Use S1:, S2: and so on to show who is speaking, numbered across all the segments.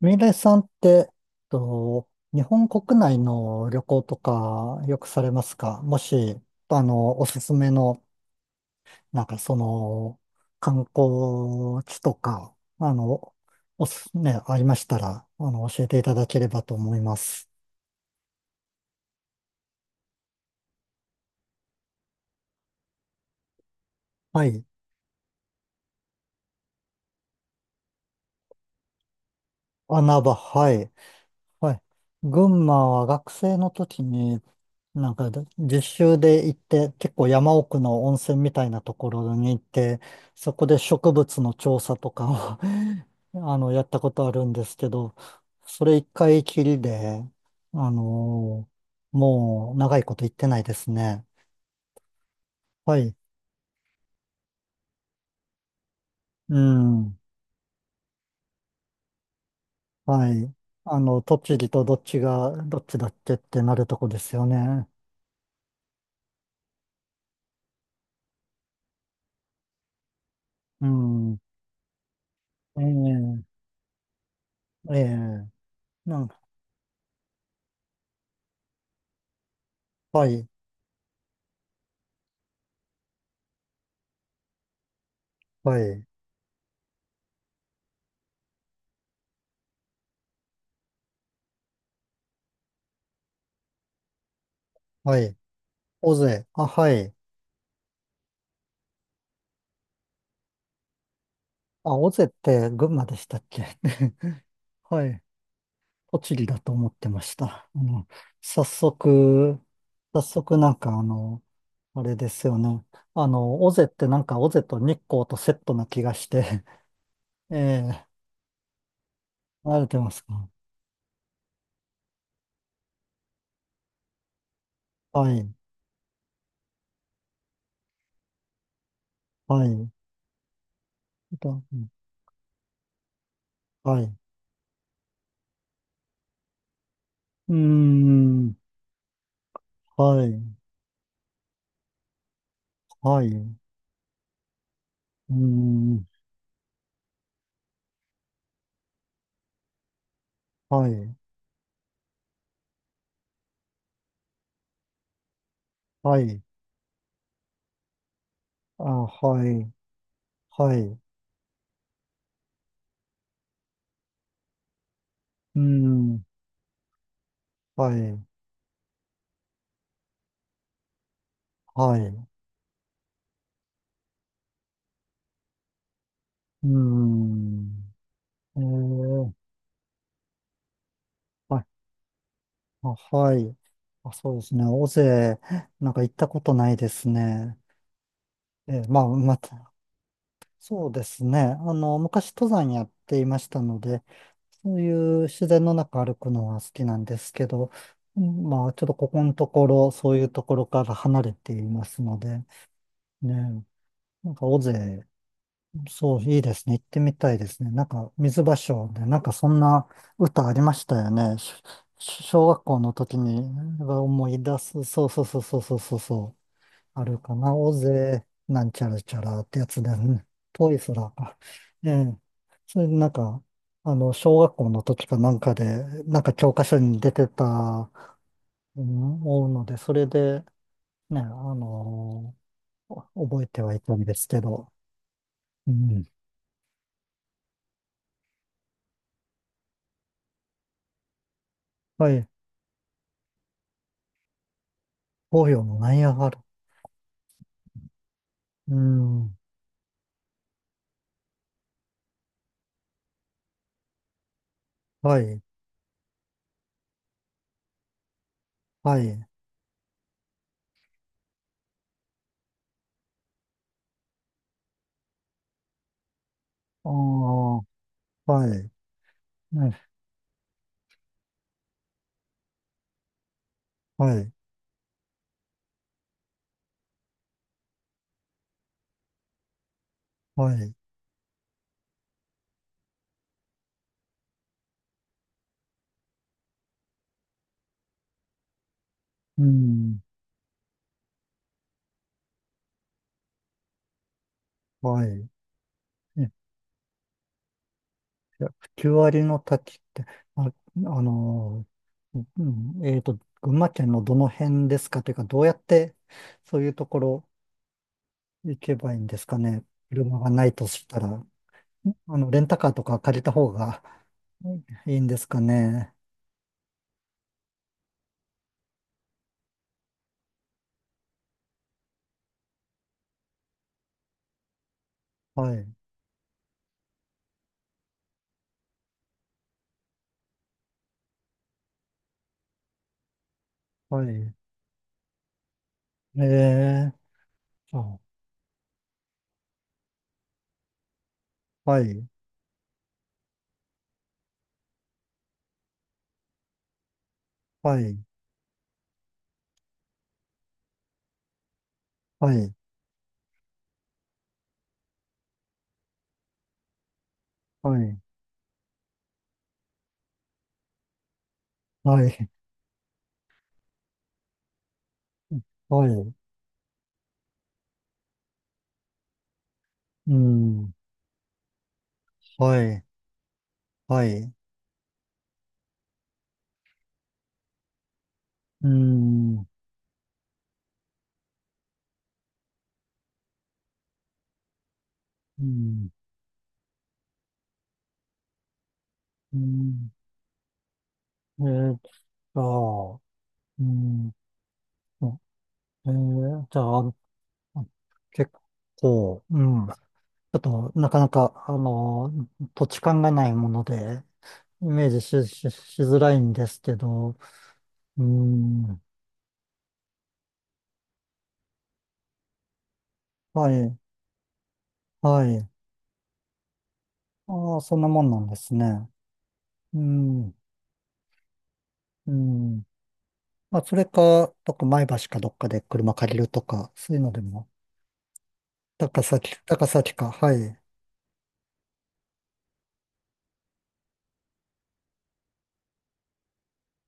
S1: ミレイさんって、と、日本国内の旅行とかよくされますか？もし、おすすめの、なんかその、観光地とか、あの、おす、ね、ありましたら、教えていただければと思います。はい。穴場、はい。はい。群馬は学生の時になんか、実習で行って、結構山奥の温泉みたいなところに行って、そこで植物の調査とかを やったことあるんですけど、それ一回きりで、あのーもう長いこと行ってないですね。はい。うん。はい。あの、栃木とどっちが、どっちだっけってなるとこですよね。うん。ええええなんか、はい。はい。はい。尾瀬。あ、はい。あ、尾瀬って群馬でしたっけ？ はい。栃木だと思ってました。あの、早速、早速あれですよね。あの、尾瀬ってなんか尾瀬と日光とセットな気がして、ええ、慣れてますか？はい、はい、と、はい。うーん、はい、はい、うーん、はい、はい、あ、はい、はい、うーん、はい、はい。うーん。えー、はい、あ、はい。あ、そうですね。尾瀬、なんか行ったことないですね。えー、まあ、また、そうですね。あの、昔登山やっていましたので、そういう自然の中歩くのは好きなんですけど、うん、まあ、ちょっとここのところ、そういうところから離れていますので、ね、なんか尾瀬、そう、いいですね。行ってみたいですね。なんか、水芭蕉で、なんかそんな歌ありましたよね。し、小学校の時に思い出す。そうそうそうそうそうそうそう。あるかな。大勢なんちゃらちゃらってやつで、うん、遠い空か。ええ。それでなんか、あの、小学校の時かなんかで、なんか教科書に出てた、うん、思うので、それで、ね、あのお覚えてはいたんですけど、うん。はい。東洋のナイアガラ？うん。はい。はい。ああ、はい。ね、はい。はい。うん。はい。ね、いや、9割の滝って、あ、あのうん、群馬県のどの辺ですかというか、どうやってそういうところ行けばいいんですかね？車がないとしたら、あの、レンタカーとか借りた方が いいんですかね？はい。はい。ええ、あ、はい。はい。はい。はい。はい。はい。うん。はい。はい。うん。うん。うん。えー、ゃあ、うん。じゃあ、あの、結構、うん。ちょっと、なかなか、あの、土地勘がないもので、イメージし、しづらいんですけど、うん。はい。はい。ああ、そんなもんなんですね。うん。うん。まあ、それか、どっか前橋かどっかで車借りるとか、そういうのでも、高崎か。はい。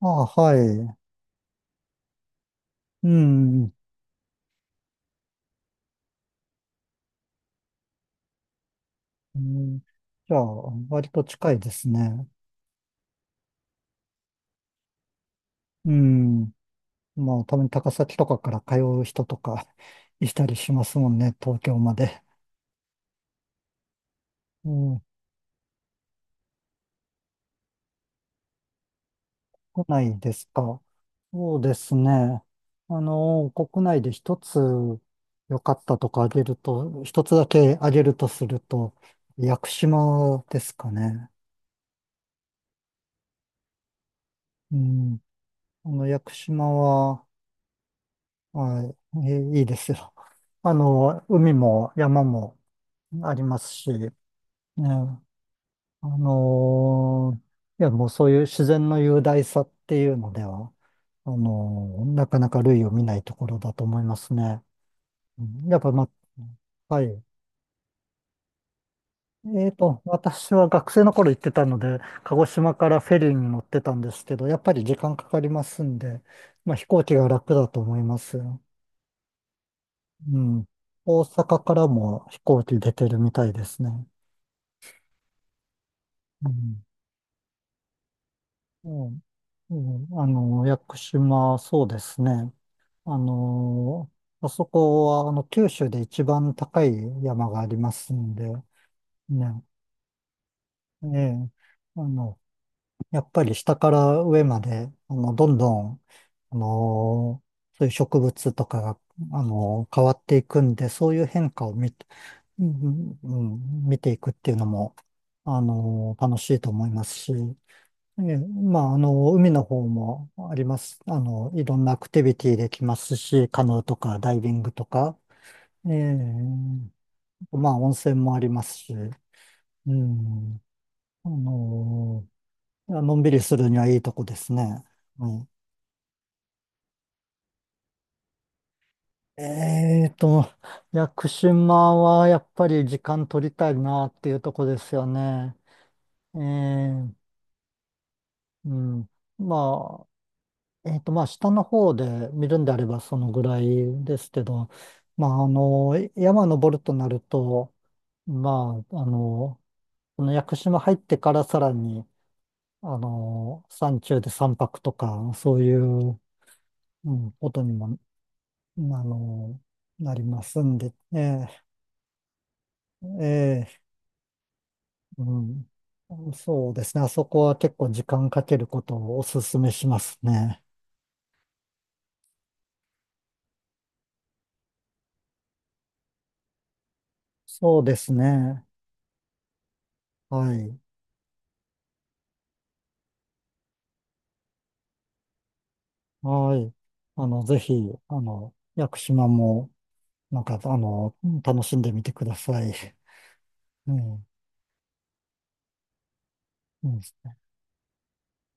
S1: ああ、はい。うん。うん、じゃあ、割と近いですね。うん。まあ、たまに高崎とかから通う人とか いたりしますもんね、東京まで。うん。国内ですか。そうですね。あの、国内で一つ良かったとかあげると、一つだけあげるとすると、屋久島ですかね。うん。あの、屋久島は、はい、い、いいいですよ。あの、海も山もありますし、ね、あのいや、もうそういう自然の雄大さっていうのでは、なかなか類を見ないところだと思いますね。うん、やっぱ、ま、はい。えーと、私は学生の頃行ってたので、鹿児島からフェリーに乗ってたんですけど、やっぱり時間かかりますんで、まあ、飛行機が楽だと思います。うん。大阪からも飛行機出てるみたいですね。うん。うんうん、あの、屋久島、そうですね。あの、あそこは、あの、九州で一番高い山がありますんで、ね。ええ。あの、やっぱり下から上まで、あの、どんどん、あのーそういう植物とかが、変わっていくんで、そういう変化を見て、うんうんうん、見ていくっていうのも、楽しいと思いますし、まあ、あの、海の方もあります。あのいろんなアクティビティできますし、カヌーとかダイビングとか、ええ、まあ、温泉もありますし、うん、あの、いや、のんびりするにはいいとこですね。うん、えーと、屋久島はやっぱり時間取りたいなっていうとこですよね。えー、うん。まあ、えーと、まあ、下の方で見るんであればそのぐらいですけど、まあ、あの、山登るとなると、まあ、あの、この屋久島入ってからさらに、あの、山中で三泊とか、そういう、うん、ことにもあの、なりますんで、ね、え、ええ、うん。そうですね。あそこは結構時間かけることをお勧めしますね。そうですね。はい。はい。あの、ぜひ、あの、屋久島も、なんか、あの、楽しんでみてください。うん。うん